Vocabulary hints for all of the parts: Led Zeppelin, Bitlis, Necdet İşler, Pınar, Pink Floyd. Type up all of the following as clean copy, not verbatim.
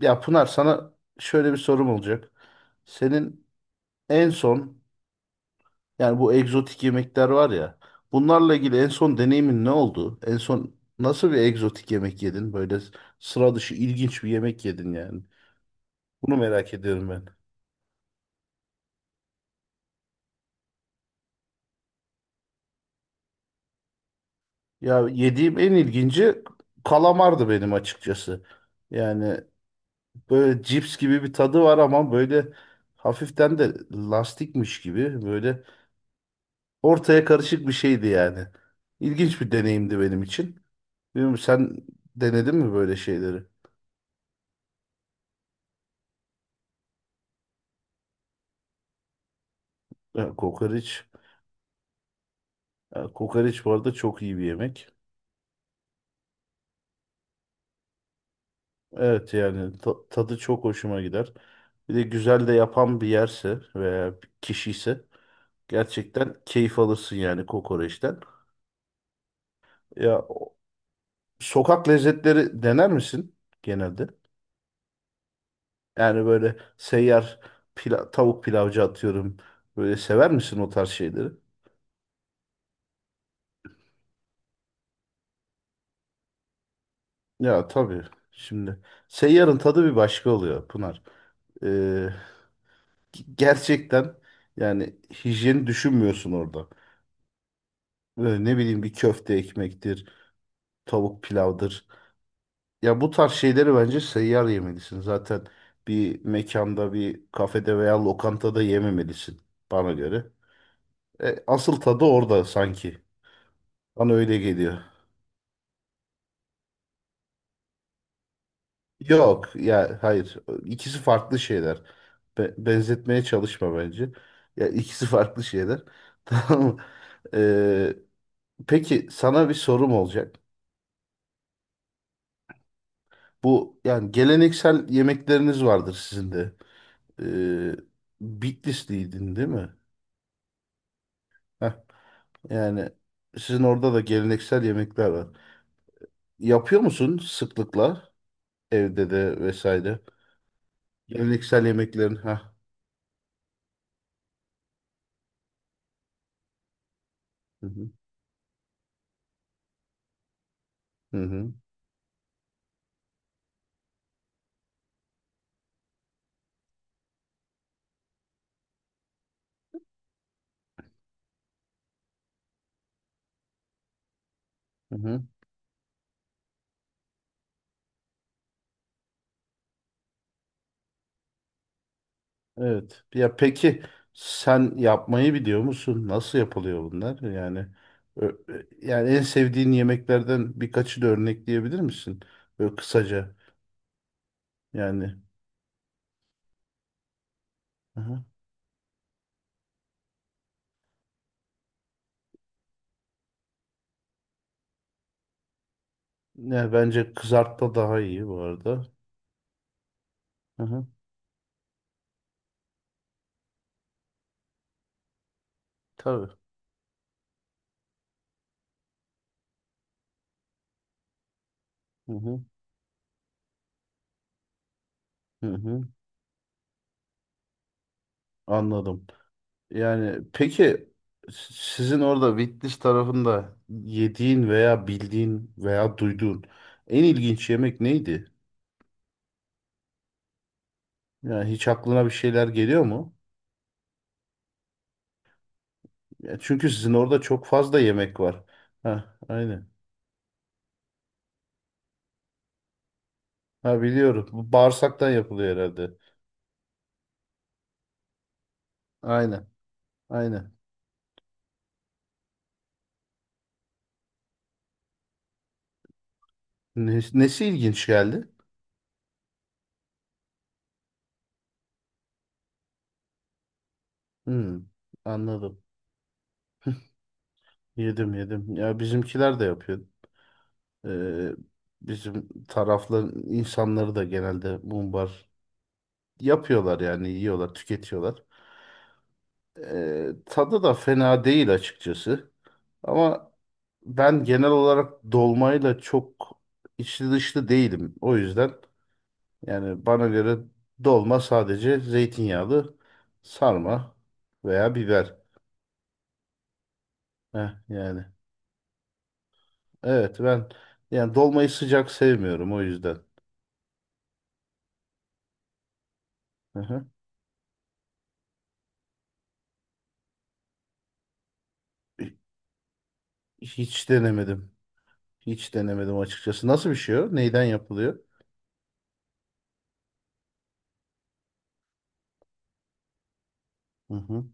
Ya Pınar, sana şöyle bir sorum olacak. Senin en son, yani bu egzotik yemekler var ya, bunlarla ilgili en son deneyimin ne oldu? En son nasıl bir egzotik yemek yedin? Böyle sıra dışı, ilginç bir yemek yedin yani. Bunu merak ediyorum ben. Ya yediğim en ilginci kalamardı benim açıkçası. Yani böyle cips gibi bir tadı var ama böyle hafiften de lastikmiş gibi, böyle ortaya karışık bir şeydi yani. İlginç bir deneyimdi benim için. Bilmiyorum, sen denedin mi böyle şeyleri? Ha, kokoreç. Ha, kokoreç bu arada çok iyi bir yemek. Evet, yani tadı çok hoşuma gider. Bir de güzel de yapan bir yerse veya bir kişi ise gerçekten keyif alırsın yani kokoreçten. Ya sokak lezzetleri dener misin genelde? Yani böyle seyyar tavuk pilavcı atıyorum. Böyle sever misin o tarz şeyleri? Ya tabii. Şimdi seyyarın tadı bir başka oluyor Pınar. Ee, Gerçekten yani hijyeni düşünmüyorsun orada. Böyle ne bileyim, bir köfte ekmektir, tavuk pilavdır. Ya bu tarz şeyleri bence seyyar yemelisin. Zaten bir mekanda, bir kafede veya lokantada yememelisin bana göre. E, asıl tadı orada sanki. Bana öyle geliyor. Yok ya, hayır. İkisi farklı şeyler. Benzetmeye çalışma bence. Ya ikisi farklı şeyler. Tamam mı? E, peki sana bir sorum olacak. Bu, yani geleneksel yemekleriniz vardır sizin de. Ee, Bitlisliydin değil mi? Heh, yani sizin orada da geleneksel yemekler var. Yapıyor musun sıklıkla evde de vesaire? Geleneksel yemeklerin ha. Hı hı. Hı hı. Hı hı. Evet. Ya peki sen yapmayı biliyor musun? Nasıl yapılıyor bunlar? Yani yani en sevdiğin yemeklerden birkaçı da örnekleyebilir misin? Böyle kısaca yani. Ne, bence kızartma daha iyi bu arada. Hı hı. Tabii. Hı hı. Hı hı. Anladım. Yani peki sizin orada Bitlis tarafında yediğin veya bildiğin veya duyduğun en ilginç yemek neydi? Yani hiç aklına bir şeyler geliyor mu? Ya çünkü sizin orada çok fazla yemek var. Ha, aynen. Ha, biliyorum. Bu bağırsaktan yapılıyor herhalde. Aynen. Aynen. Nesi ilginç geldi? Hı, anladım. Yedim, yedim. Ya bizimkiler de yapıyor. Ee, bizim tarafların insanları da genelde mumbar yapıyorlar, yani yiyorlar, tüketiyorlar. Tadı da fena değil açıkçası. Ama ben genel olarak dolmayla çok içli dışlı değilim. O yüzden yani bana göre dolma sadece zeytinyağlı sarma veya biber. Heh, yani evet, ben yani dolmayı sıcak sevmiyorum o yüzden. Hı hı. Hiç denemedim. Hiç denemedim açıkçası. Nasıl bir şey o? Neyden yapılıyor? Hı hı.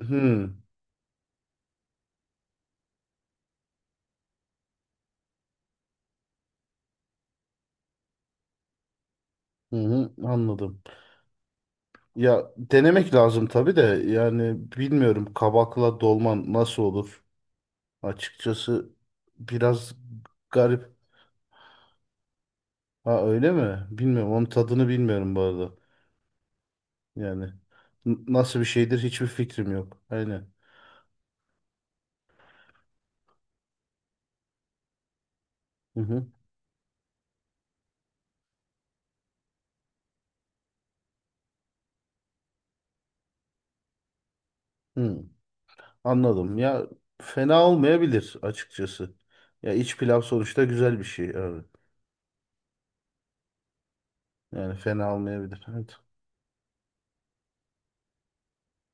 Hmm. Hı hı, anladım. Ya denemek lazım tabii de, yani bilmiyorum, kabakla dolman nasıl olur? Açıkçası biraz garip. Ha, öyle mi? Bilmiyorum. Onun tadını bilmiyorum bu arada. Yani nasıl bir şeydir, hiçbir fikrim yok. Aynen. Hı hı. Hı. Anladım. Ya fena olmayabilir açıkçası. Ya iç pilav sonuçta güzel bir şey abi. Yani fena olmayabilir. Evet.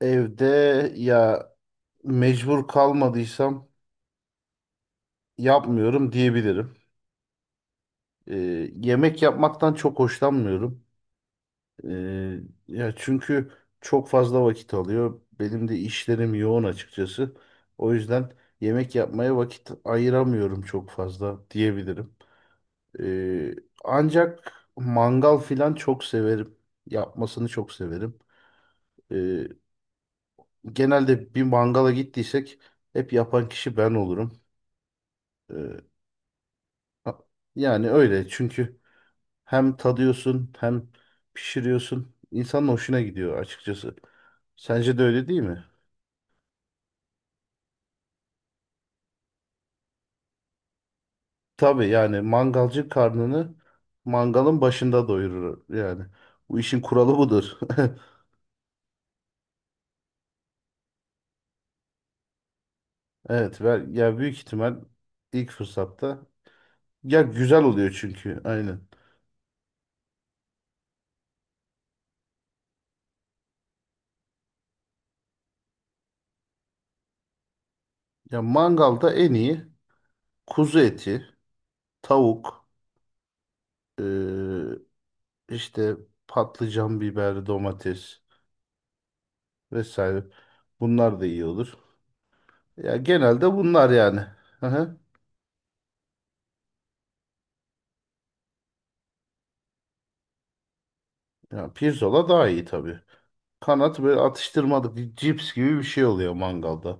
Evde ya, mecbur kalmadıysam yapmıyorum diyebilirim. Ee, yemek yapmaktan çok hoşlanmıyorum. Ee, ya çünkü çok fazla vakit alıyor. Benim de işlerim yoğun açıkçası. O yüzden yemek yapmaya vakit ayıramıyorum çok fazla diyebilirim. Ee, ancak mangal filan çok severim. Yapmasını çok severim. Ee, Genelde bir mangala gittiysek hep yapan kişi ben olurum. Ee, a- yani öyle çünkü hem tadıyorsun hem pişiriyorsun. İnsanın hoşuna gidiyor açıkçası. Sence de öyle değil mi? Tabii, yani mangalcı karnını mangalın başında doyurur yani. Bu işin kuralı budur. Evet, ben, ya büyük ihtimal ilk fırsatta, ya güzel oluyor çünkü, aynen. Ya mangalda en iyi kuzu eti, tavuk, ee, İşte patlıcan, biber, domates vesaire. Bunlar da iyi olur. Ya genelde bunlar yani. Hı hı. Ya pirzola daha iyi tabii. Kanat böyle atıştırmalık, bir cips gibi bir şey oluyor mangalda.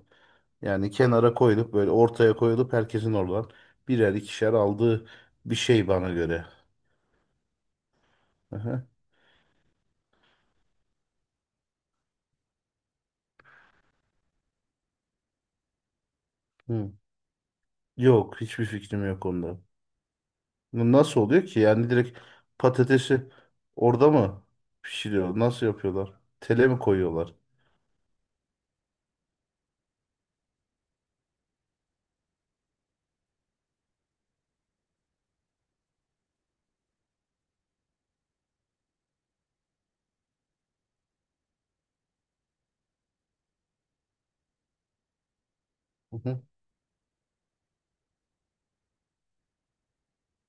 Yani kenara koyulup, böyle ortaya koyulup herkesin oradan birer ikişer aldığı bir şey bana göre. Hı hı. Hı. Yok, hiçbir fikrim yok onda. Bu nasıl oluyor ki? Yani direkt patatesi orada mı pişiriyor? Nasıl yapıyorlar? Tele mi koyuyorlar?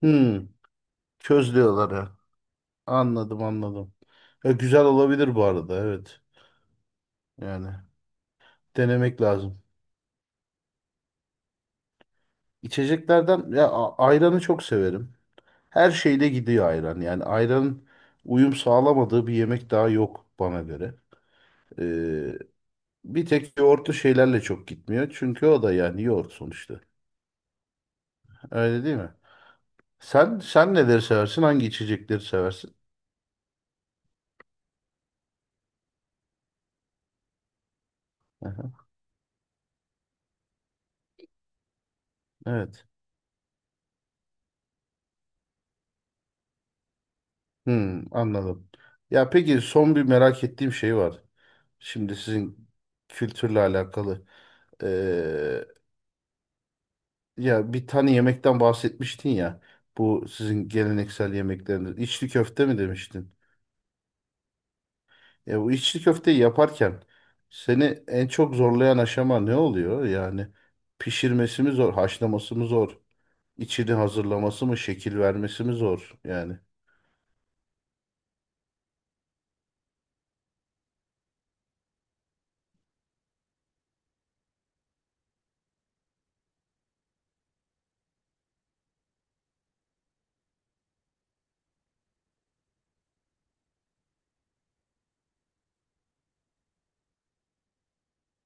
Hmm, közlüyorlar ya. Anladım, anladım. Ya, güzel olabilir bu arada, evet. Yani denemek lazım. İçeceklerden ya, ayranı çok severim. Her şeyle gidiyor ayran. Yani ayranın uyum sağlamadığı bir yemek daha yok bana göre. Ee, bir tek yoğurtlu şeylerle çok gitmiyor. Çünkü o da yani yoğurt sonuçta. Öyle değil mi? Sen neleri seversin? Hangi içecekleri seversin? Aha, evet. Hmm, anladım. Ya peki son bir merak ettiğim şey var. Şimdi sizin kültürle alakalı. Ee, ya bir tane yemekten bahsetmiştin ya. Bu sizin geleneksel yemekleriniz. İçli köfte mi demiştin? Ya bu içli köfteyi yaparken seni en çok zorlayan aşama ne oluyor? Yani pişirmesi mi zor, haşlaması mı zor, içini hazırlaması mı, şekil vermesi mi zor? Yani.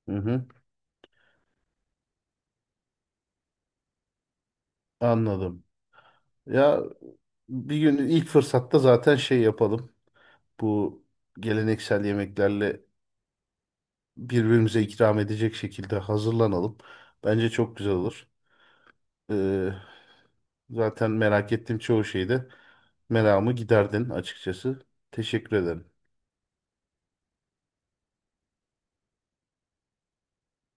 Hı hı, anladım. Ya bir gün ilk fırsatta zaten şey yapalım. Bu geleneksel yemeklerle birbirimize ikram edecek şekilde hazırlanalım. Bence çok güzel olur. Ee, zaten merak ettiğim çoğu şeyde meramı giderdin açıkçası. Teşekkür ederim.